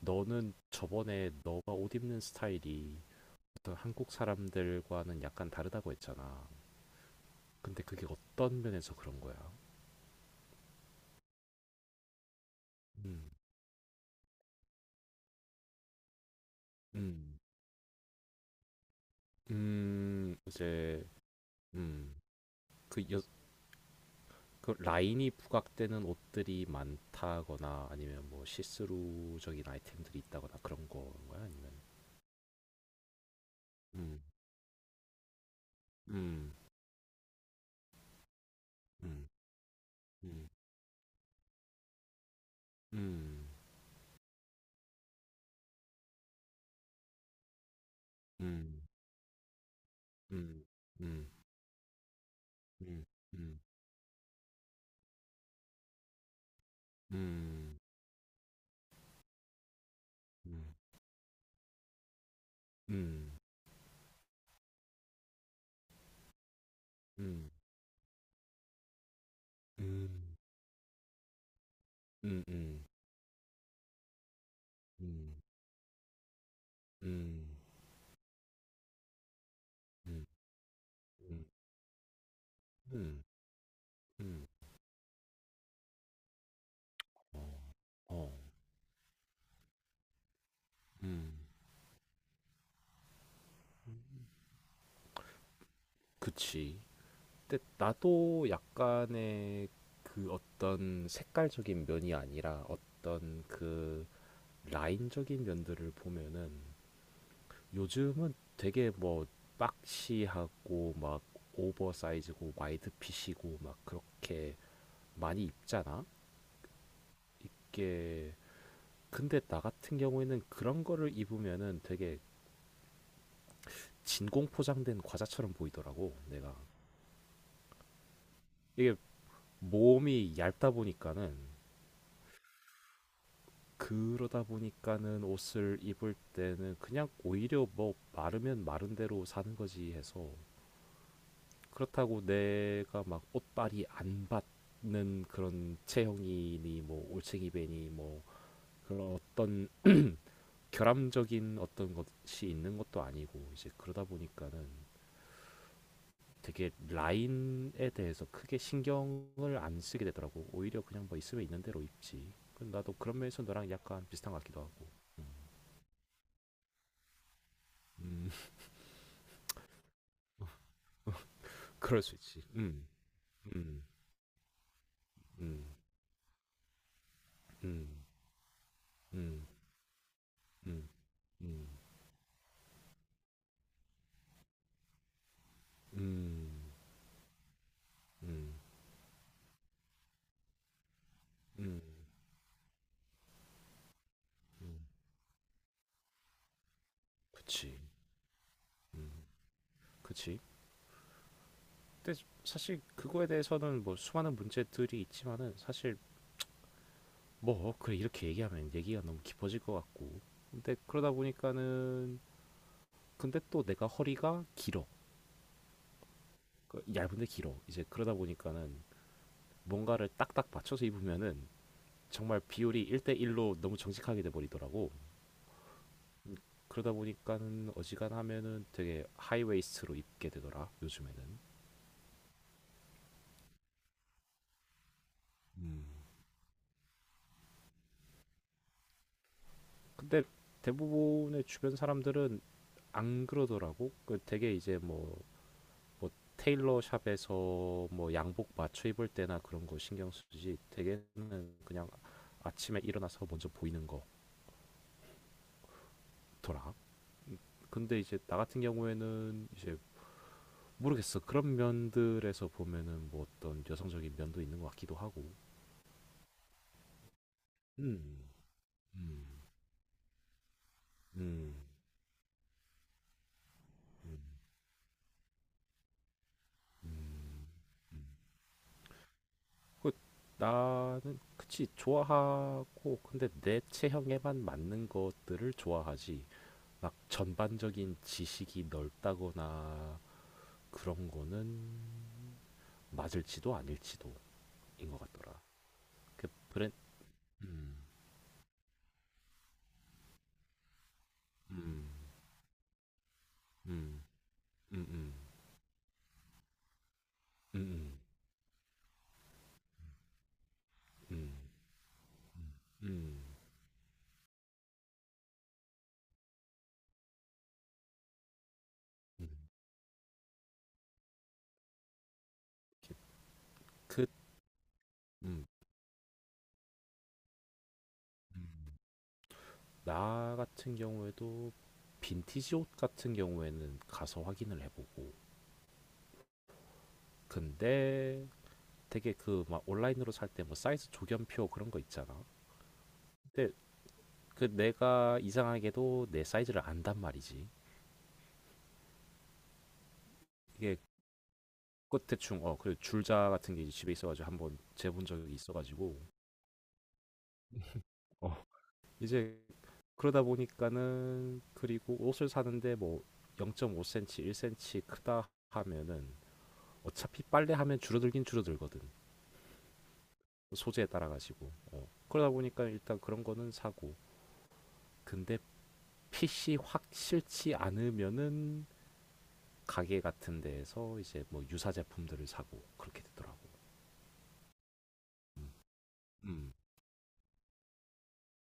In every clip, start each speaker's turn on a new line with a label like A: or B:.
A: 너는 저번에 너가 옷 입는 스타일이 어떤 한국 사람들과는 약간 다르다고 했잖아. 근데 그게 어떤 면에서 그런 거야? 음, 음, 이제, 음, 그, 여, 그 라인이 부각되는 옷들이 많다거나 아니면 뭐 시스루적인 아이템들이 있다거나 그런 건가요? 아니면, 음. 음. 음. 음. 음. 음. 음. 음. 음. 음. 음. 음. 음. 음. 음. 음음. 음. 음. 음. 음. 음. 음. 음. 어. 어. 음. 그치. 근데 나도 약간의 그 어떤 색깔적인 면이 아니라 어떤 그 라인적인 면들을 보면은 요즘은 되게 뭐 박시하고 막 오버사이즈고 와이드핏이고 막 그렇게 많이 입잖아? 이게 근데 나 같은 경우에는 그런 거를 입으면은 되게 진공 포장된 과자처럼 보이더라고. 내가 이게 몸이 얇다 보니까는 그러다 보니까는 옷을 입을 때는 그냥 오히려 뭐 마르면 마른 대로 사는 거지 해서 그렇다고 내가 막 옷빨이 안 받는 그런 체형이니 뭐 올챙이 배니 뭐 그런 어떤 결함적인 어떤 것이 있는 것도 아니고 이제 그러다 보니까는 되게 라인에 대해서 크게 신경을 안 쓰게 되더라고. 오히려 그냥 뭐 있으면 있는 대로 입지. 그 나도 그런 면에서 너랑 약간 비슷한 것 같기도 하고. 음, 그럴 수 있지. 음. 음. 음. 음. 음. 음. 음. 음. 음. 음. 음. 그치. 음. 그치. 근데 사실 그거에 대해서는 뭐 수많은 문제들이 있지만은 사실 뭐 그래 이렇게 얘기하면 얘기가 너무 깊어질 것 같고. 근데 그러다 보니까는 근데 또 내가 허리가 길어. 그 얇은데 길어. 이제 그러다 보니까는 뭔가를 딱딱 맞춰서 입으면은 정말 비율이 1대1로 너무 정직하게 돼버리더라고. 그러다 보니까는 어지간하면은 되게 하이웨이스트로 입게 되더라, 요즘에는. 음. 근데 대부분의 주변 사람들은 안 그러더라고. 그 되게 이제 뭐 테일러 샵에서 뭐 양복 맞춰 입을 때나 그런 거 신경 쓰지. 되게는 그냥 아침에 일어나서 먼저 보이는 거더라. 근데 이제 나 같은 경우에는 이제 모르겠어. 그런 면들에서 보면은 뭐 어떤 여성적인 면도 있는 것 같기도 하고. 음. 음. 음. 음. 음. 그 나는 그치 좋아하고 근데 내 체형에만 맞는 것들을 좋아하지. 막 전반적인 지식이 넓다거나 그런 거는 맞을지도 아닐지도 인 것 같더라. 그 브랜 음. 음. 음. 음. 음. 음. 음. 음. 음. 음. 이렇게 그 음. 음. 나 같은 경우에도 빈티지 옷 같은 경우에는 가서 확인을 해보고 근데 되게 그 막 온라인으로 살 때 뭐 사이즈 조견표 그런 거 있잖아. 근데 그 내가 이상하게도 내 사이즈를 안단 말이지. 이게 끝 대충 그리고 줄자 같은 게 이제 집에 있어가지고 한번 재본 적이 있어가지고 어 이제 그러다 보니까는 그리고 옷을 사는데 뭐 0.5cm, 1cm 크다 하면은 어차피 빨래하면 줄어들긴 줄어들거든. 소재에 따라 가지고. 어. 그러다 보니까 일단 그런 거는 사고. 근데 핏이 확 싫지 않으면은 가게 같은 데에서 이제 뭐 유사 제품들을 사고 그렇게 되더라고. 음.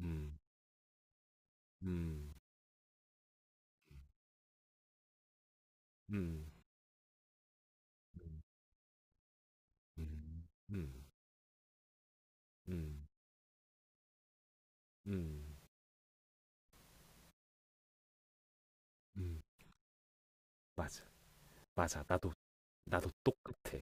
A: 음. 음. 음. 음. 음. 음. 음. 음. 음. 맞아. 맞아. 나도 똑같아.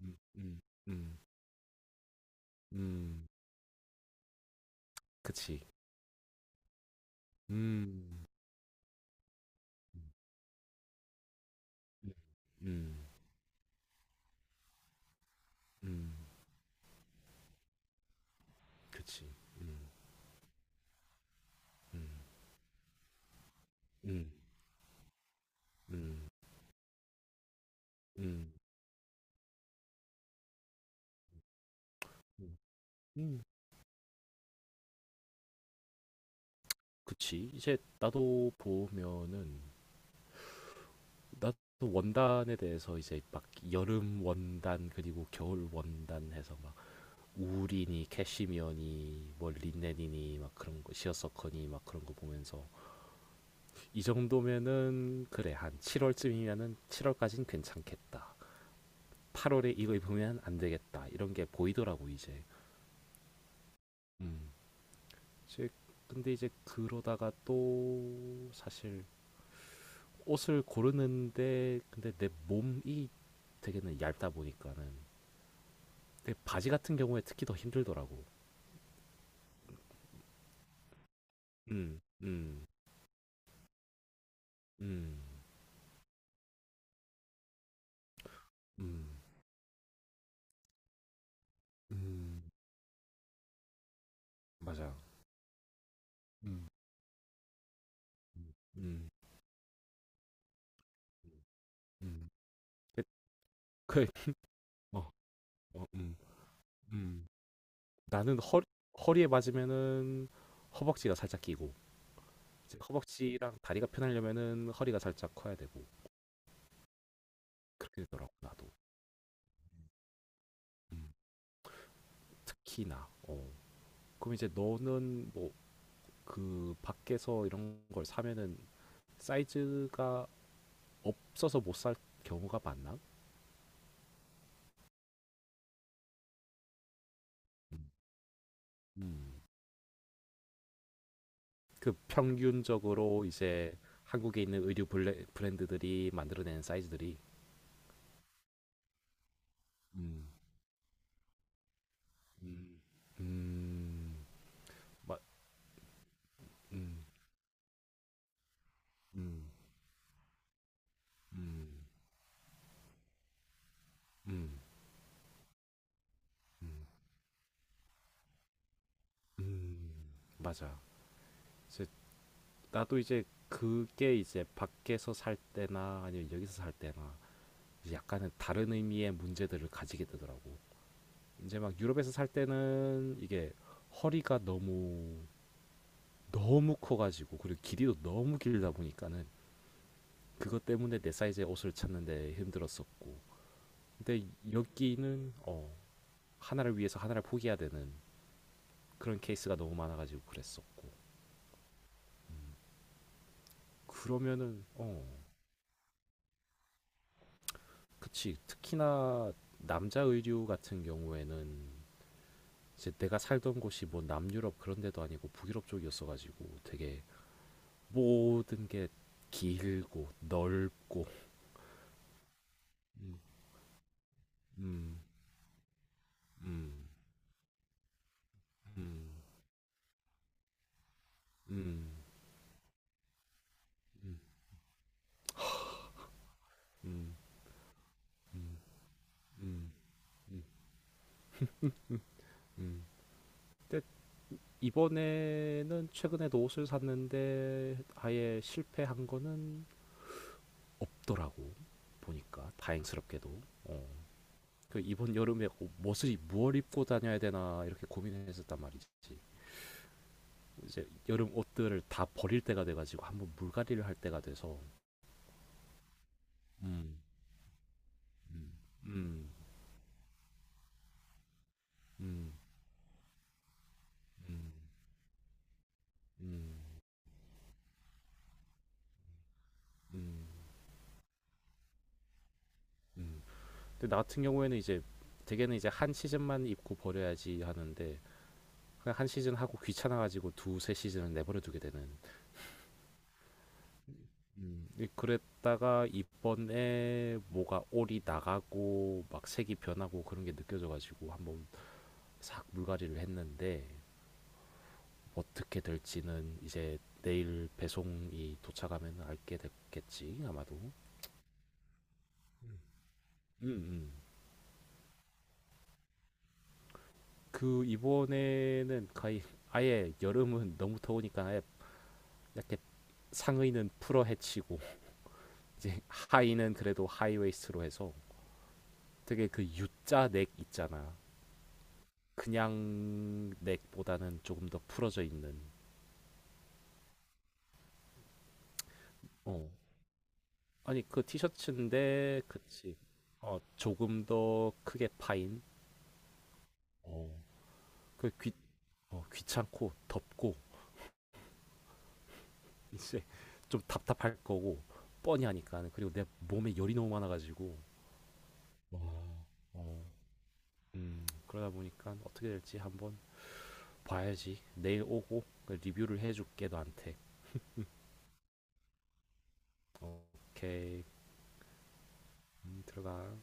A: 음 음 음 음. 그치. 음. 음 음 음. 그치. 음 음 음 음 음 음 그치. 이제 나도 보면은 나도 원단에 대해서 이제 막 여름 원단 그리고 겨울 원단 해서 막 울이니 캐시미어니 뭐 린넨이니 막 그런 거 시어서커니 막 그런 거 보면서 이 정도면은 그래 한 7월쯤이면은 7월까진 괜찮겠다. 8월에 이거 입으면 안 되겠다 이런 게 보이더라고 이제. 음. 근데 이제 그러다가 또 사실 옷을 고르는데 근데 내 몸이 되게는 얇다 보니까는 근데 바지 같은 경우에 특히 더 힘들더라고. 음. 음. 음. 음. 음. 맞아. 음. 음. 음. 음. 그 그, 어, 어, 음. 음. 나는 허 허리에 맞으면은 허벅지가 살짝 끼고 이제 허벅지랑 다리가 편하려면은 허리가 살짝 커야 되고 그렇게 되더라고 나도 음. 특히나 그럼 이제 너는 뭐 그 밖에서 이런 걸 사면은 사이즈가 없어서 못 살 경우가 많나? 음. 음. 그 평균적으로 이제 한국에 있는 의류 브랜드들이 만들어낸 사이즈들이 음. 음. 음. 마, 음. 음. 음. 음. 음. 음. 맞아. 이제 나도 이제 그게 이제 밖에서 살 때나 아니면 여기서 살 때나 약간은 다른 의미의 문제들을 가지게 되더라고. 이제 막 유럽에서 살 때는 이게 허리가 너무 너무 커가지고 그리고 길이도 너무 길다 보니까는 그것 때문에 내 사이즈의 옷을 찾는데 힘들었었고 근데 여기는 하나를 위해서 하나를 포기해야 되는 그런 케이스가 너무 많아가지고 그랬었고 그러면은 그치. 특히나 남자 의류 같은 경우에는 이제 내가 살던 곳이 뭐 남유럽 그런 데도 아니고 북유럽 쪽이었어가지고 되게 모든 게 길고 넓고 음. 음. 음. 음. 음. 음. 음. 음. 음. 음. 음. 근데 이번에는 최근에도 옷을 샀는데 아예 실패한 거는 없더라고 보니까 다행스럽게도 어. 그 이번 여름에 옷- 을 무얼 입고 다녀야 되나 이렇게 고민했었단 말이지. 이제 여름 옷들을 다 버릴 때가 돼가지고 한번 물갈이를 할 때가 돼서. 음. 음. 음. 음. 음. 음. 음. 음. 근데 나 같은 경우에는 이제 대개는 이제 한 시즌만 입고 버려야지 하는데 그냥 한 시즌 하고 귀찮아가지고 두세 시즌을 내버려 두게 되는. 그랬다가 이번에 뭐가 올이 나가고 막 색이 변하고 그런 게 느껴져가지고 한번 싹 물갈이를 했는데 어떻게 될지는 이제 내일 배송이 도착하면 알게 됐겠지 아마도. 음. 음. 그 이번에는 거의 아예 여름은 너무 더우니까 아예 이렇게 상의는 풀어 헤치고 이제 하의는 그래도 하이웨이스트로 해서 되게 그 U자 넥 있잖아. 그냥 넥보다는 조금 더 풀어져 있는. 어. 아니 그 티셔츠인데 그치. 조금 더 크게 파인. 어. 그 귀찮고 덥고 이제 좀 답답할 거고 뻔히 하니까 그리고 내 몸에 열이 너무 많아가지고 와, 어. 그러다 보니까 어떻게 될지 한번 봐야지 내일 오고 그 리뷰를 해줄게 너한테 어, 오케이. 들어가.